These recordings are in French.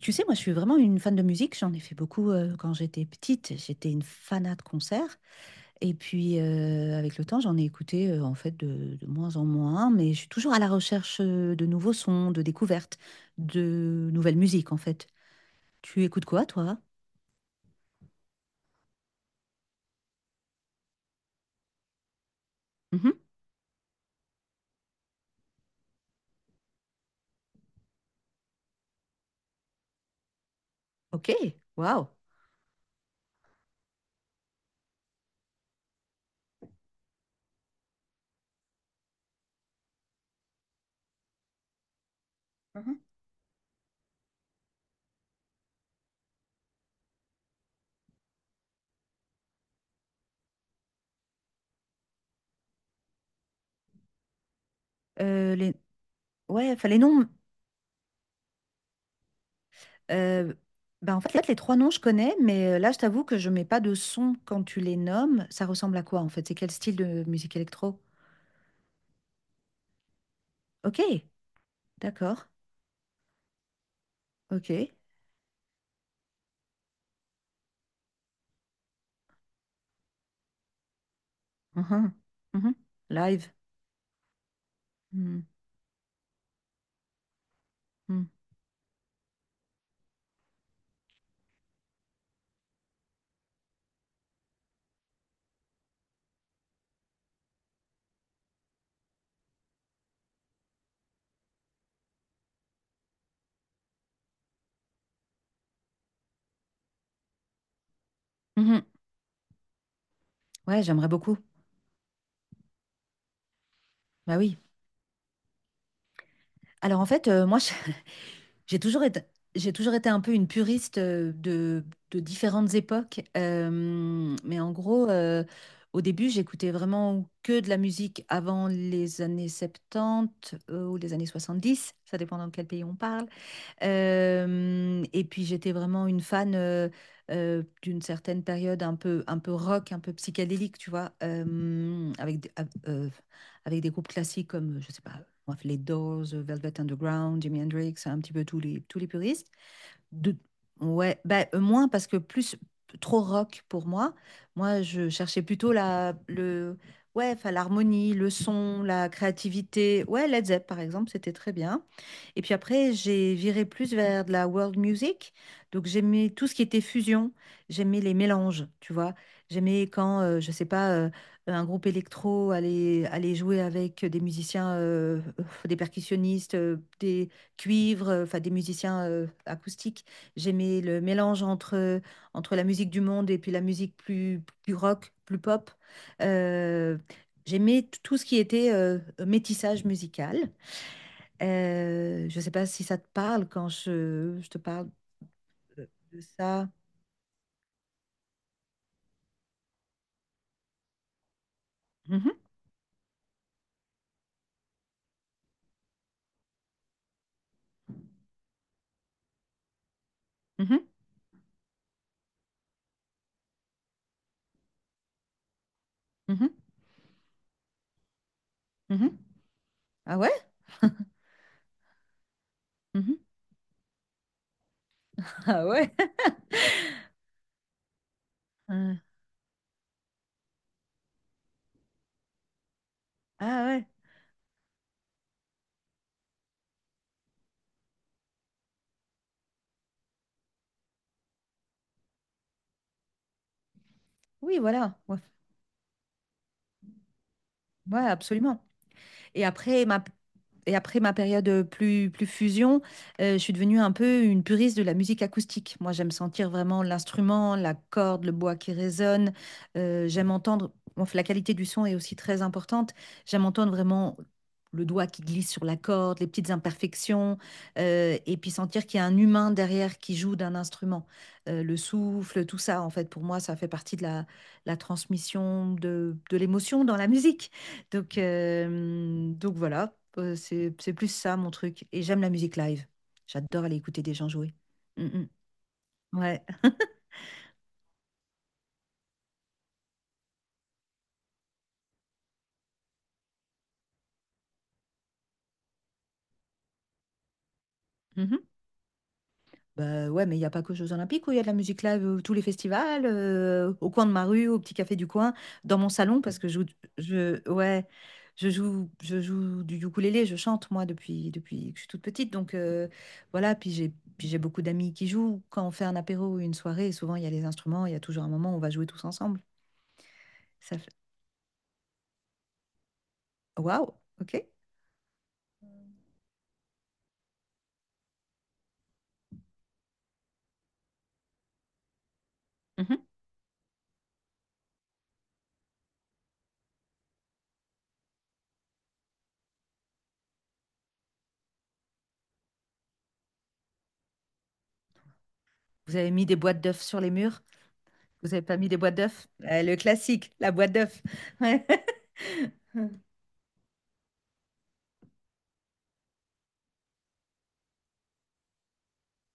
Tu sais, moi, je suis vraiment une fan de musique. J'en ai fait beaucoup quand j'étais petite. J'étais une fanat de concerts. Et puis, avec le temps, j'en ai écouté en fait de moins en moins. Mais je suis toujours à la recherche de nouveaux sons, de découvertes, de nouvelles musiques, en fait. Tu écoutes quoi, toi? Mhm. Ok, waouh. Mhm. Les... Ouais, enfin les noms. euh, Bah, en fait, les trois noms, je connais, mais là, je t'avoue que je mets pas de son quand tu les nommes. Ça ressemble à quoi, en fait? C'est quel style de musique électro? Ok. D'accord. Ok. Mhm. Mhm. Live. Mhm. Mhm. Mhm. Ouais, j'aimerais beaucoup. Bah oui. Alors en fait, moi, j'ai toujours été, j'ai toujours été un peu une puriste de différentes époques. Mais en gros, au début, j'écoutais vraiment que de la musique avant les années 70 ou les années 70. Ça dépend dans quel pays on parle. Et puis j'étais vraiment une fan d'une certaine période un peu rock, un peu psychédélique, tu vois, avec, avec des groupes classiques comme, je sais pas, moi, les Doors, Velvet Underground, Jimi Hendrix, un petit peu tous les puristes. De, ouais, bah, moins parce que plus trop rock pour moi. Moi, je cherchais plutôt la, le, ouais, enfin, l'harmonie, le son, la créativité. Ouais, Led Zepp, par exemple, c'était très bien. Et puis après, j'ai viré plus vers de la world music. Donc j'aimais tout ce qui était fusion, j'aimais les mélanges, tu vois. J'aimais quand, je sais pas, un groupe électro allait, allait jouer avec des musiciens, des percussionnistes, des cuivres, enfin des musiciens acoustiques. J'aimais le mélange entre, entre la musique du monde et puis la musique plus, plus rock, plus pop. Euh, J'aimais tout ce qui était métissage musical. Je ne sais pas si ça te parle quand je te parle de ça. Mhm, mhm, mhm, mhm. Ah ouais? Mhm. Ah ouais? Euh, ah ouais? Oui, voilà. Ouais, ouais, absolument. Et après ma, et après ma période plus, plus fusion, je suis devenue un peu une puriste de la musique acoustique. Moi, j'aime sentir vraiment l'instrument, la corde, le bois qui résonne. J'aime entendre, bon, la qualité du son est aussi très importante. J'aime entendre vraiment le doigt qui glisse sur la corde, les petites imperfections, et puis sentir qu'il y a un humain derrière qui joue d'un instrument. Le souffle, tout ça, en fait, pour moi, ça fait partie de la, la transmission de l'émotion dans la musique. Donc voilà, c'est plus ça mon truc. Et j'aime la musique live. J'adore aller écouter des gens jouer. Mm, mm. Ouais. Mhm. Bah ouais, mais il n'y a pas que aux Jeux Olympiques où il y a de la musique live, tous les festivals, au coin de ma rue, au petit café du coin, dans mon salon, parce que je, ouais, je joue du ukulélé, je chante moi depuis, depuis que je suis toute petite. Donc voilà, puis j'ai beaucoup d'amis qui jouent. Quand on fait un apéro ou une soirée, souvent il y a les instruments, il y a toujours un moment où on va jouer tous ensemble. Ça waouh, ok. Mhm. Vous avez mis des boîtes d'œufs sur les murs? Vous n'avez pas mis des boîtes d'œufs? Le classique, la boîte d'œufs. Ouais.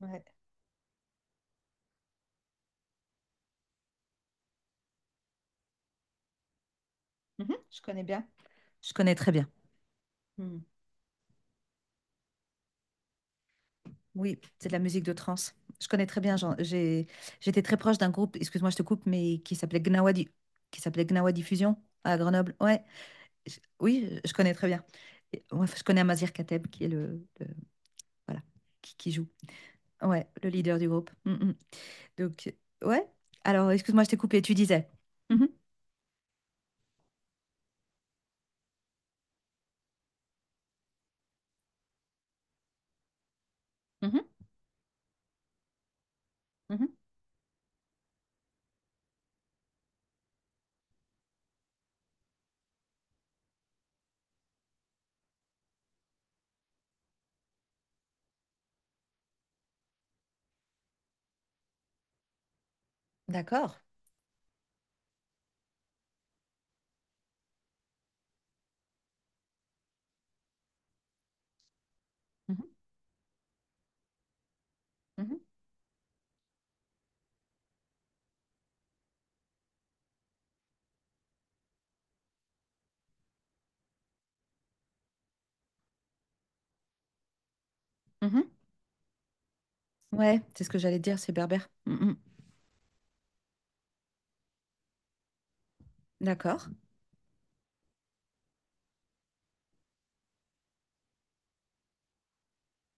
Ouais, mhm. Je connais bien. Je connais très bien. Mm. Oui, c'est de la musique de trance. Je connais très bien. J'étais très proche d'un groupe, excuse-moi, je te coupe, mais qui s'appelait Gnawa, qui s'appelait Gnawa Diffusion à Grenoble. Ouais, oui, je connais très bien. Et- ouais, je connais Amazir Kateb, qui est voilà, qui joue. Ouais, le leader du groupe. Mm, mm. Donc, ouais. Alors, excuse-moi, je t'ai coupé, tu disais. Mhm, mhm, mhm, d'accord. Mhm, mhm, mhm. Ouais, c'est ce que j'allais dire, c'est berbère. Mm, mm. D'accord.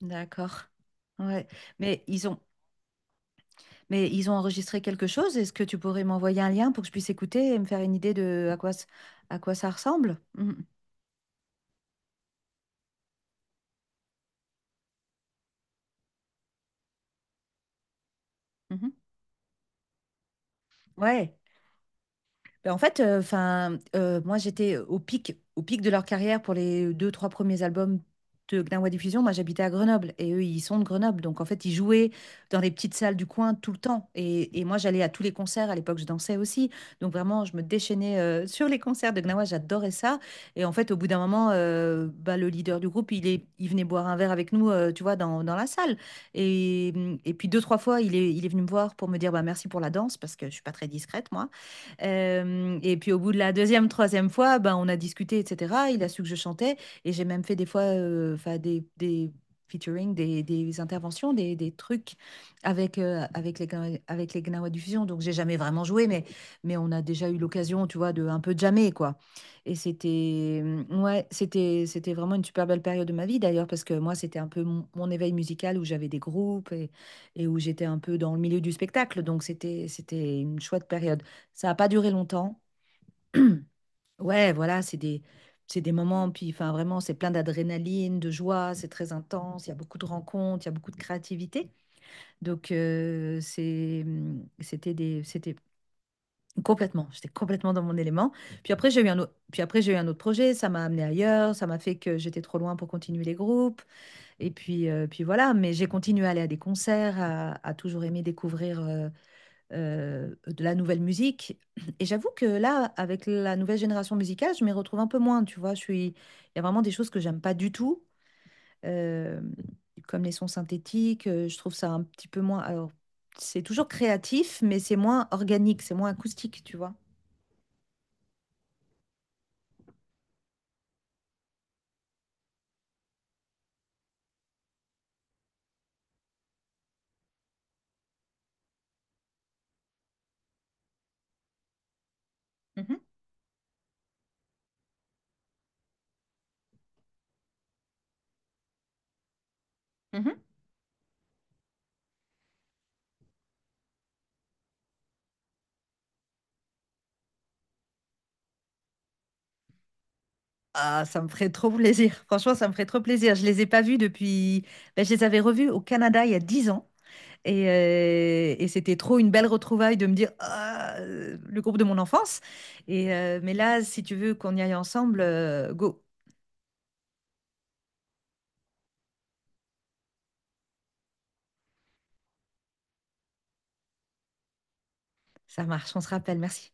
D'accord. Ouais. Mais ils ont, mais ils ont enregistré quelque chose. Est-ce que tu pourrais m'envoyer un lien pour que je puisse écouter et me faire une idée de à quoi, à quoi ça ressemble? Mhm, mhm. Ouais. Ben, en fait, enfin, moi j'étais au pic de leur carrière pour les deux, trois premiers albums de Gnawa Diffusion. Moi j'habitais à Grenoble et eux ils sont de Grenoble. Donc en fait ils jouaient dans les petites salles du coin tout le temps. Et moi j'allais à tous les concerts. À l'époque je dansais aussi. Donc vraiment je me déchaînais sur les concerts de Gnawa. J'adorais ça. Et en fait au bout d'un moment, bah, le leader du groupe il est, il venait boire un verre avec nous, tu vois, dans, dans la salle. Et, et puis deux, trois fois il est venu me voir pour me dire bah, merci pour la danse parce que je suis pas très discrète moi. Hem et puis au bout de la deuxième, troisième fois, ben, on a discuté et cetera. Il a su que je chantais et j'ai même fait des fois, enfin des featuring, des interventions, des trucs avec, avec les Gnawa Diffusion. Donc j'ai jamais vraiment joué, mais on a déjà eu l'occasion, tu vois, de un peu jammer, quoi et c'était, mmh, ouais, c'était c'était vraiment une super belle période de ma vie d'ailleurs parce que moi, c'était un peu mon mon éveil musical où j'avais des groupes et où j'étais un peu dans le milieu du spectacle. Donc c'était c'était une chouette période. Ça n'a pas duré longtemps. Ouais, voilà, c'est des moments, puis enfin vraiment, c'est plein d'adrénaline, de joie, c'est très intense, il y a beaucoup de rencontres, il y a beaucoup de créativité. Donc, c'est, c'était des, c'était complètement, j'étais complètement dans mon élément. Puis après, j'ai eu un autre, puis après, j'ai eu un autre projet, ça m'a amené ailleurs, ça m'a fait que j'étais trop loin pour continuer les groupes. Et puis, puis voilà, mais j'ai continué à aller à des concerts, à toujours aimer découvrir. De la nouvelle musique. Et j'avoue que là, avec la nouvelle génération musicale, je m'y retrouve un peu moins, tu vois. Je suis... Il y a vraiment des choses que j'aime pas du tout, euh, comme les sons synthétiques. Je trouve ça un petit peu moins... Alors, c'est toujours créatif, mais c'est moins organique, c'est moins acoustique, tu vois. Mhm, mhm. Ah, ça me ferait trop plaisir. Franchement, ça me ferait trop plaisir. Je les ai pas vus depuis... Ben, je les avais revus au Canada il y a 10 ans. Et c'était trop une belle retrouvaille de me dire ah, le groupe de mon enfance. Et, mais là, si tu veux qu'on y aille ensemble, go, ça marche, on se rappelle. Merci.